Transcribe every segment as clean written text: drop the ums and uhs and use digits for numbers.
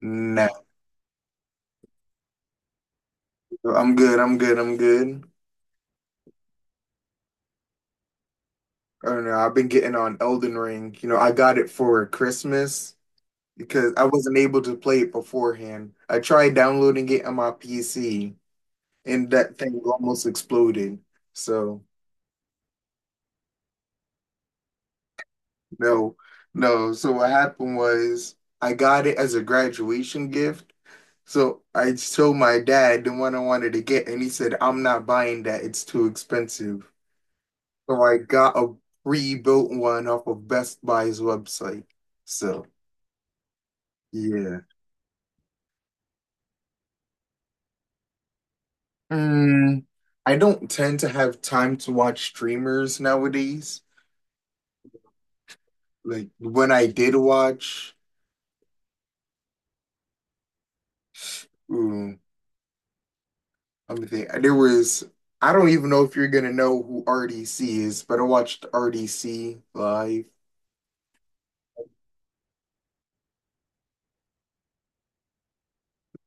No, I'm good. Oh no, I've been getting on Elden Ring. You know, I got it for Christmas because I wasn't able to play it beforehand. I tried downloading it on my PC and that thing almost exploded. So, no, no. So, what happened was I got it as a graduation gift. So, I told my dad the one I wanted to get, and he said, I'm not buying that. It's too expensive. So I got a pre-built one off of Best Buy's website. So yeah. Mm, I don't tend to have time to watch streamers nowadays. Like when I did watch, ooh, let me think. There was I don't even know if you're gonna know who RDC is, but I watched RDC live.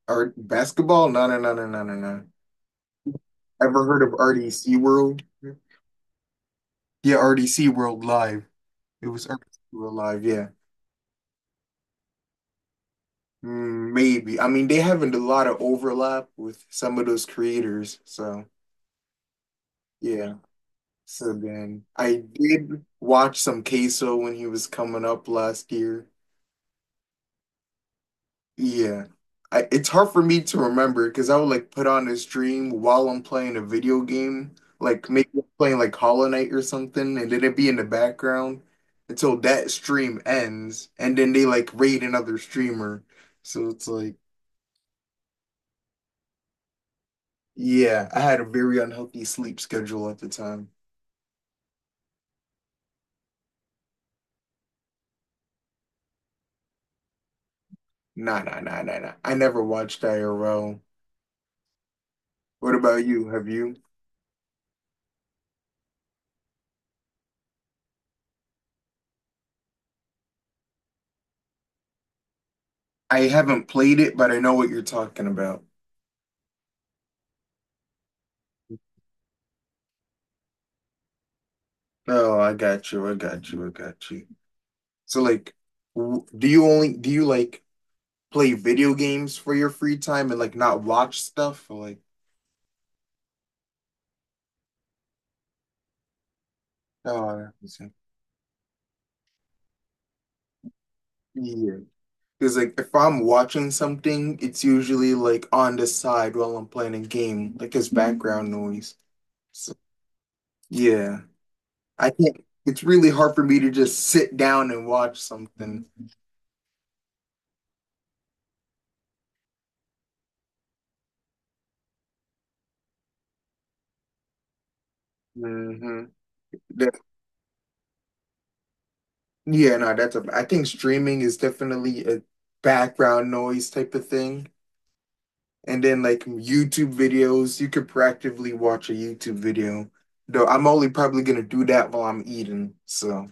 Art basketball? No. Ever heard of RDC World? Yeah, RDC World Live. It was RDC World Live, yeah. Mm, maybe. I mean, they haven't a lot of overlap with some of those creators. So, yeah. So then I did watch some Queso when he was coming up last year. Yeah. It's hard for me to remember because I would like put on a stream while I'm playing a video game, like maybe I'm playing like Hollow Knight or something, and then it'd be in the background until that stream ends, and then they like raid another streamer. So it's like, yeah, I had a very unhealthy sleep schedule at the time. Nah. I never watched IRL. What about you? Have you? I haven't played it, but I know what you're talking about. Oh, I got you. So, like, do you like play video games for your free time and like not watch stuff? Or, like, oh, that's- Yeah. Because like if I'm watching something, it's usually like on the side while I'm playing a game, like as background noise. So, yeah. I can't. It's really hard for me to just sit down and watch something. hmm yeah, no, that's a. I think streaming is definitely a background noise type of thing. And then like YouTube videos, you could practically watch a YouTube video. Though I'm only probably gonna do that while I'm eating. So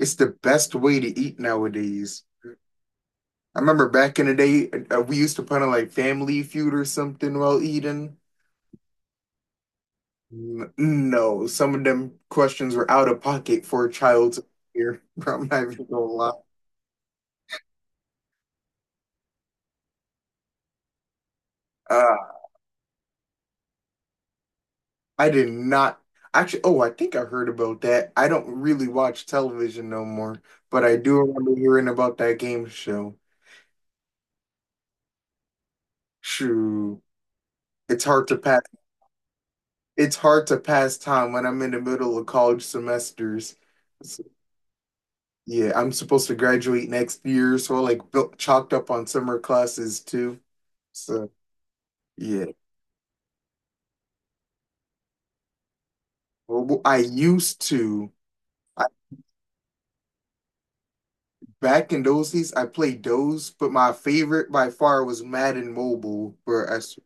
it's the best way to eat nowadays. I remember back in the day, we used to put on like Family Feud or something while eating. No, some of them questions were out of pocket for a child to hear. Bro, I'm not even gonna lie. Uh, I did not actually. Oh, I think I heard about that. I don't really watch television no more, but I do remember hearing about that game show. Shoo, it's hard to pass. It's hard to pass time when I'm in the middle of college semesters. So, yeah, I'm supposed to graduate next year, so I like chalked up on summer classes too. So. Yeah. Mobile. I used to. I, back in those days, I played those, but my favorite by far was Madden Mobile, bro.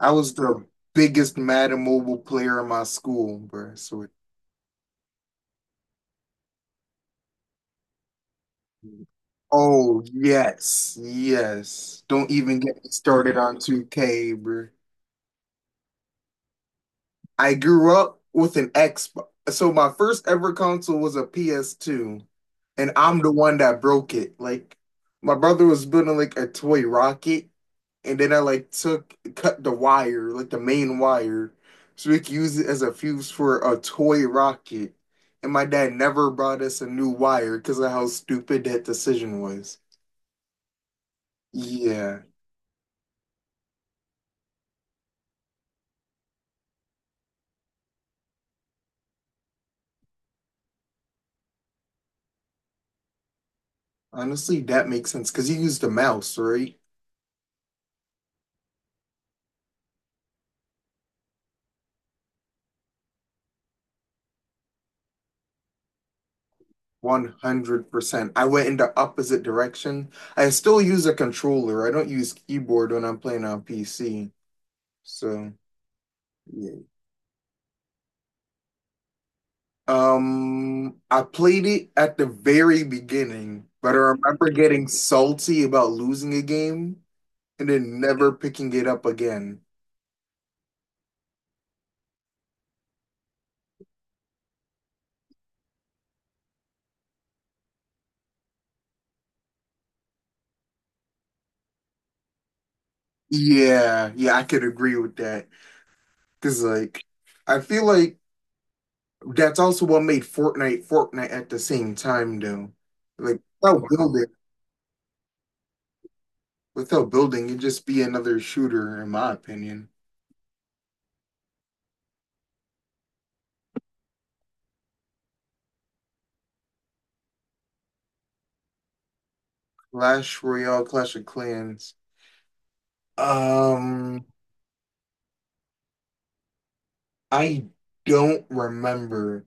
I was the biggest Madden Mobile player in my school, bro. So, oh yes, yes. Don't even get me started on 2K, bro. I grew up with an Xbox. So my first ever console was a PS2, and I'm the one that broke it. Like my brother was building like a toy rocket, and then I like took cut the wire, like the main wire, so we could use it as a fuse for a toy rocket. And my dad never brought us a new wire because of how stupid that decision was. Yeah, honestly, that makes sense because you used a mouse, right? 100%. I went in the opposite direction. I still use a controller. I don't use keyboard when I'm playing on PC. So, yeah. I played it at the very beginning, but I remember getting salty about losing a game and then never picking it up again. Yeah, I could agree with that. Because, like, I feel like that's also what made Fortnite Fortnite at the same time, though. Like, how good without building, you'd just be another shooter, in my opinion. Clash Royale, Clash of Clans. Um, I don't remember.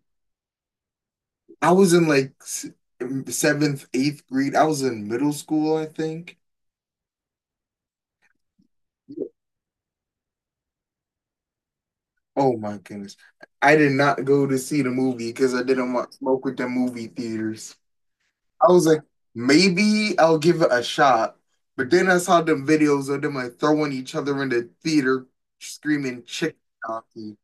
I was in like seventh, eighth grade. I was in middle school, I think. Oh my goodness. I did not go to see the movie because I didn't want smoke with the movie theaters. I was like, maybe I'll give it a shot. But then I saw them videos of them like throwing each other in the theater, screaming chicken jockey.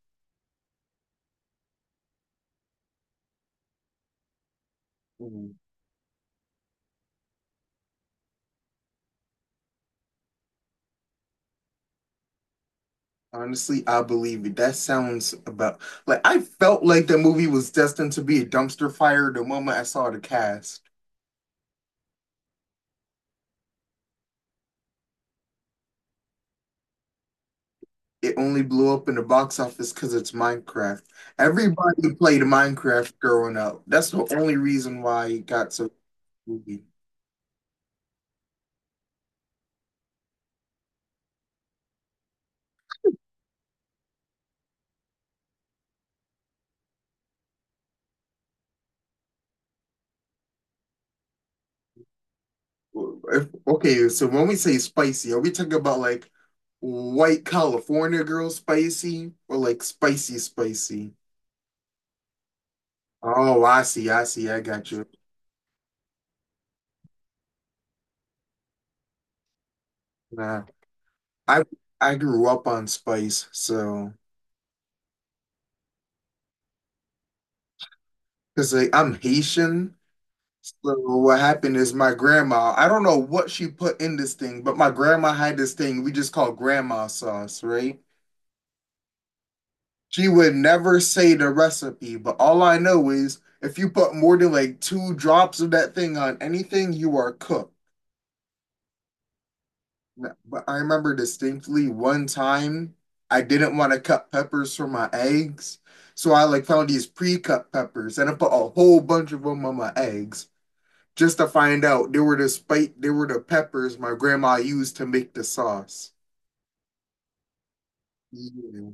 Honestly, I believe it. That sounds about like I felt like that movie was destined to be a dumpster fire the moment I saw the cast. It only blew up in the box office because it's Minecraft. Everybody played Minecraft growing up. That's the only reason why it got so movie. Okay, so when we say spicy, are we talking about like white California girl spicy or like spicy spicy? Oh, I see, I got you. Nah. I I grew up on Spice, so because like, I'm Haitian. So what happened is my grandma, I don't know what she put in this thing, but my grandma had this thing we just call grandma sauce, right? She would never say the recipe, but all I know is if you put more than like two drops of that thing on anything, you are cooked. Yeah, but I remember distinctly one time I didn't want to cut peppers for my eggs. So I like found these pre-cut peppers and I put a whole bunch of them on my eggs just to find out they were the peppers my grandma used to make the sauce. Yeah.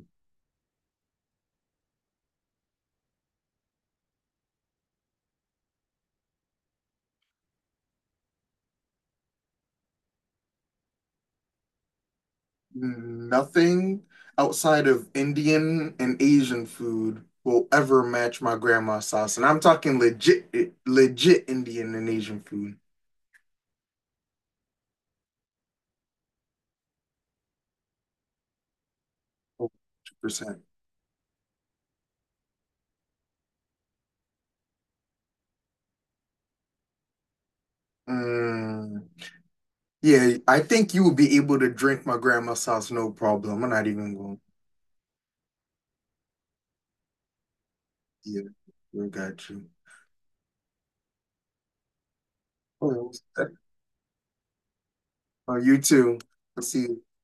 Nothing outside of Indian and Asian food will ever match my grandma's sauce. And I'm talking legit Indian and Asian food, 100%. Yeah, I think you will be able to drink my grandma's sauce, no problem. I'm not even going. Yeah, we got you. Oh, you too. I'll see you.